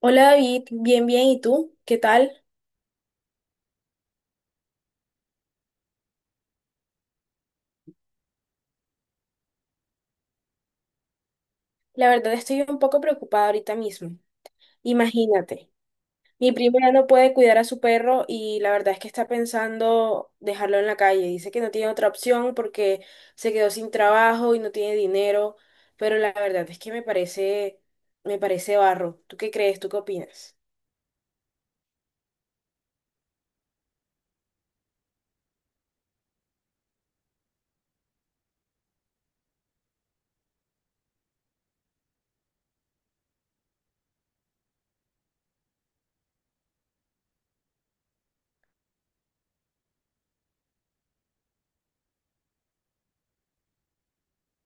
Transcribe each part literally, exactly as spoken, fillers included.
Hola David, bien, bien, ¿y tú? ¿Qué tal? La verdad estoy un poco preocupada ahorita mismo. Imagínate, mi prima ya no puede cuidar a su perro y la verdad es que está pensando dejarlo en la calle. Dice que no tiene otra opción porque se quedó sin trabajo y no tiene dinero, pero la verdad es que me parece, me parece barro. ¿Tú qué crees? ¿Tú qué opinas?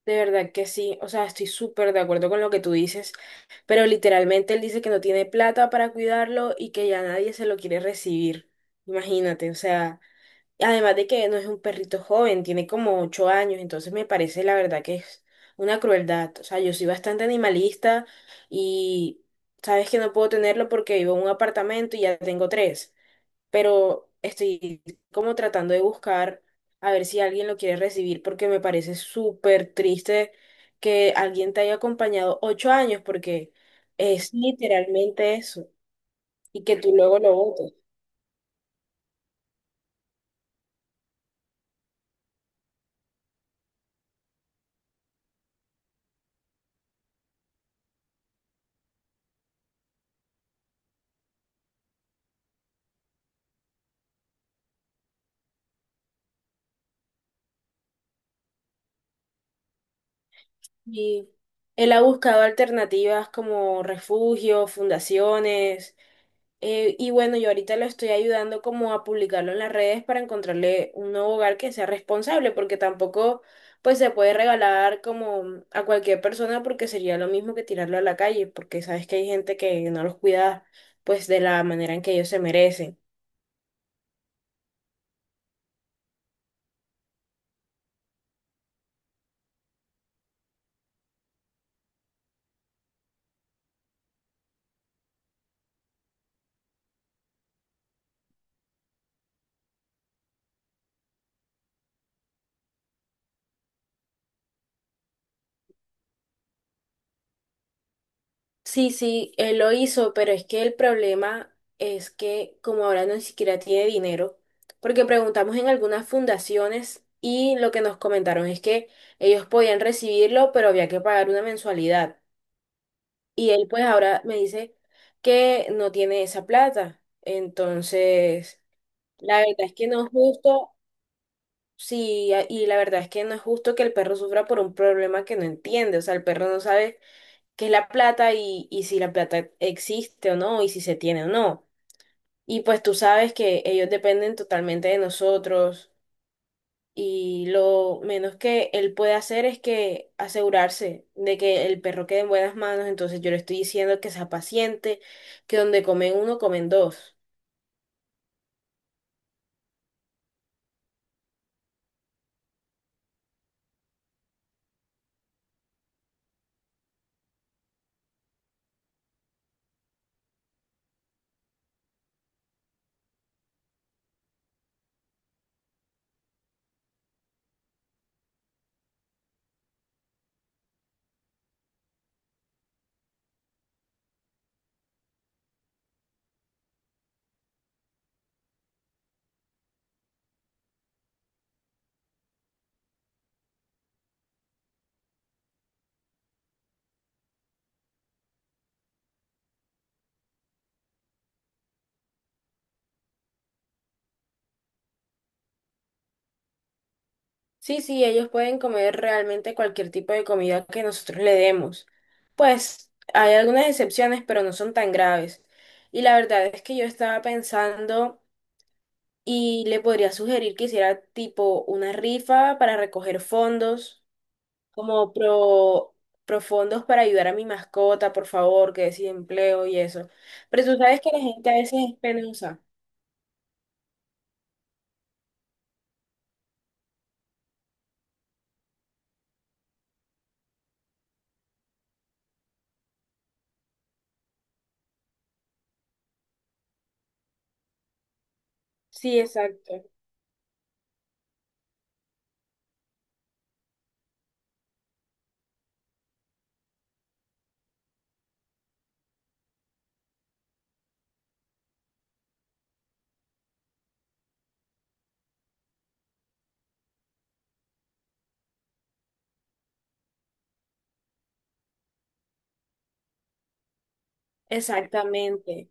De verdad que sí, o sea, estoy súper de acuerdo con lo que tú dices, pero literalmente él dice que no tiene plata para cuidarlo y que ya nadie se lo quiere recibir. Imagínate, o sea, además de que no es un perrito joven, tiene como ocho años, entonces me parece la verdad que es una crueldad. O sea, yo soy bastante animalista y sabes que no puedo tenerlo porque vivo en un apartamento y ya tengo tres, pero estoy como tratando de buscar a ver si alguien lo quiere recibir porque me parece súper triste que alguien te haya acompañado ocho años porque es literalmente eso y que tú luego lo votes. Y él ha buscado alternativas como refugios, fundaciones. Eh, y bueno, yo ahorita lo estoy ayudando como a publicarlo en las redes para encontrarle un nuevo hogar que sea responsable, porque tampoco pues se puede regalar como a cualquier persona porque sería lo mismo que tirarlo a la calle, porque sabes que hay gente que no los cuida pues de la manera en que ellos se merecen. Sí, sí, él lo hizo, pero es que el problema es que como ahora no ni siquiera tiene dinero, porque preguntamos en algunas fundaciones y lo que nos comentaron es que ellos podían recibirlo, pero había que pagar una mensualidad. Y él pues ahora me dice que no tiene esa plata. Entonces, la verdad es que no es justo, sí, y la verdad es que no es justo que el perro sufra por un problema que no entiende, o sea, el perro no sabe qué es la plata y, y si la plata existe o no y si se tiene o no. Y pues tú sabes que ellos dependen totalmente de nosotros y lo menos que él puede hacer es que asegurarse de que el perro quede en buenas manos. Entonces yo le estoy diciendo que sea paciente, que donde comen uno, comen dos. Sí, sí, ellos pueden comer realmente cualquier tipo de comida que nosotros le demos. Pues hay algunas excepciones, pero no son tan graves. Y la verdad es que yo estaba pensando y le podría sugerir que hiciera tipo una rifa para recoger fondos, como pro, pro fondos para ayudar a mi mascota, por favor, que es empleo y eso. Pero tú sabes que la gente a veces es penosa. Sí, exacto. Exactamente.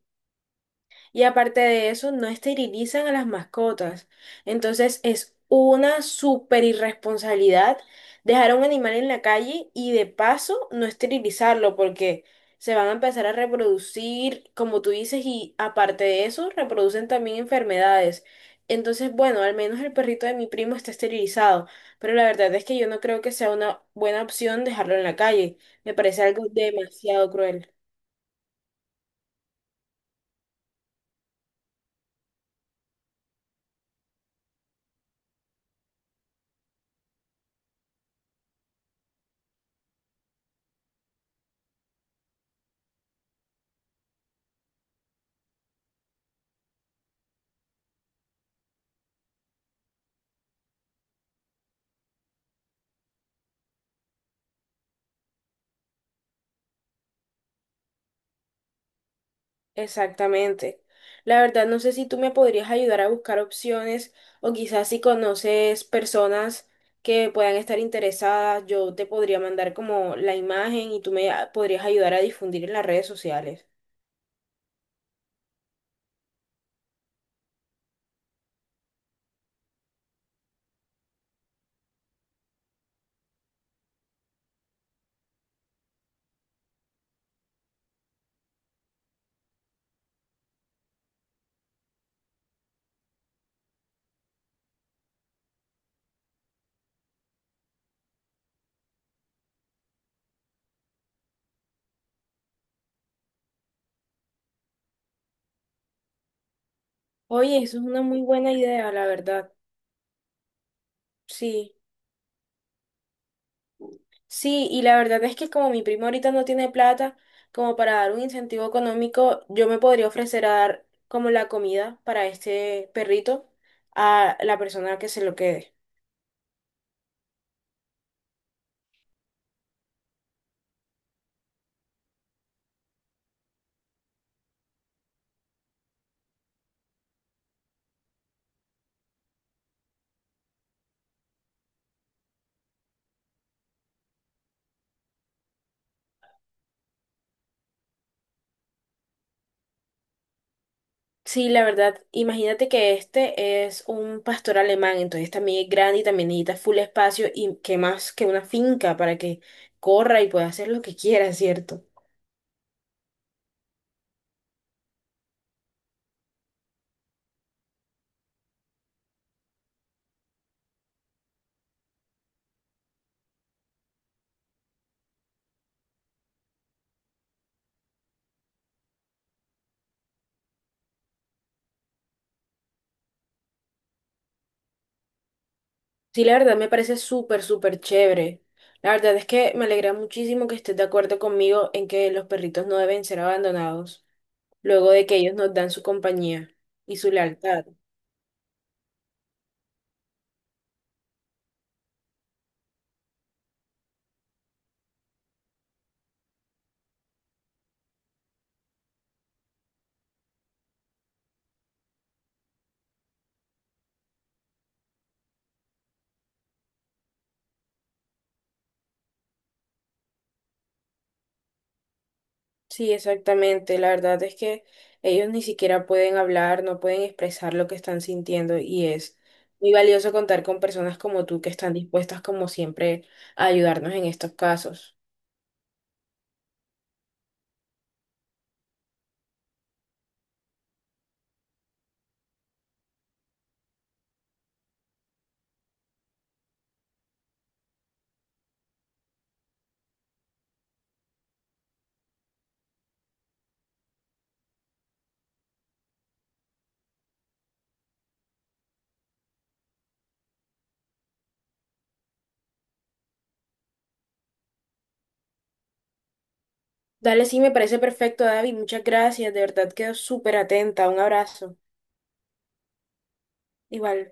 Y aparte de eso, no esterilizan a las mascotas. Entonces es una súper irresponsabilidad dejar a un animal en la calle y de paso no esterilizarlo porque se van a empezar a reproducir, como tú dices, y aparte de eso, reproducen también enfermedades. Entonces, bueno, al menos el perrito de mi primo está esterilizado, pero la verdad es que yo no creo que sea una buena opción dejarlo en la calle. Me parece algo demasiado cruel. Exactamente. La verdad, no sé si tú me podrías ayudar a buscar opciones o quizás si conoces personas que puedan estar interesadas, yo te podría mandar como la imagen y tú me a- podrías ayudar a difundir en las redes sociales. Oye, eso es una muy buena idea, la verdad. Sí. Sí, y la verdad es que como mi primo ahorita no tiene plata, como para dar un incentivo económico, yo me podría ofrecer a dar como la comida para este perrito a la persona que se lo quede. Sí, la verdad, imagínate que este es un pastor alemán, entonces también es grande y también necesita full espacio y que más que una finca para que corra y pueda hacer lo que quiera, ¿cierto? Sí, la verdad me parece súper, súper chévere. La verdad es que me alegra muchísimo que estés de acuerdo conmigo en que los perritos no deben ser abandonados luego de que ellos nos dan su compañía y su lealtad. Sí, exactamente. La verdad es que ellos ni siquiera pueden hablar, no pueden expresar lo que están sintiendo y es muy valioso contar con personas como tú que están dispuestas como siempre a ayudarnos en estos casos. Dale, sí, me parece perfecto, David. Muchas gracias. De verdad quedo súper atenta. Un abrazo. Igual.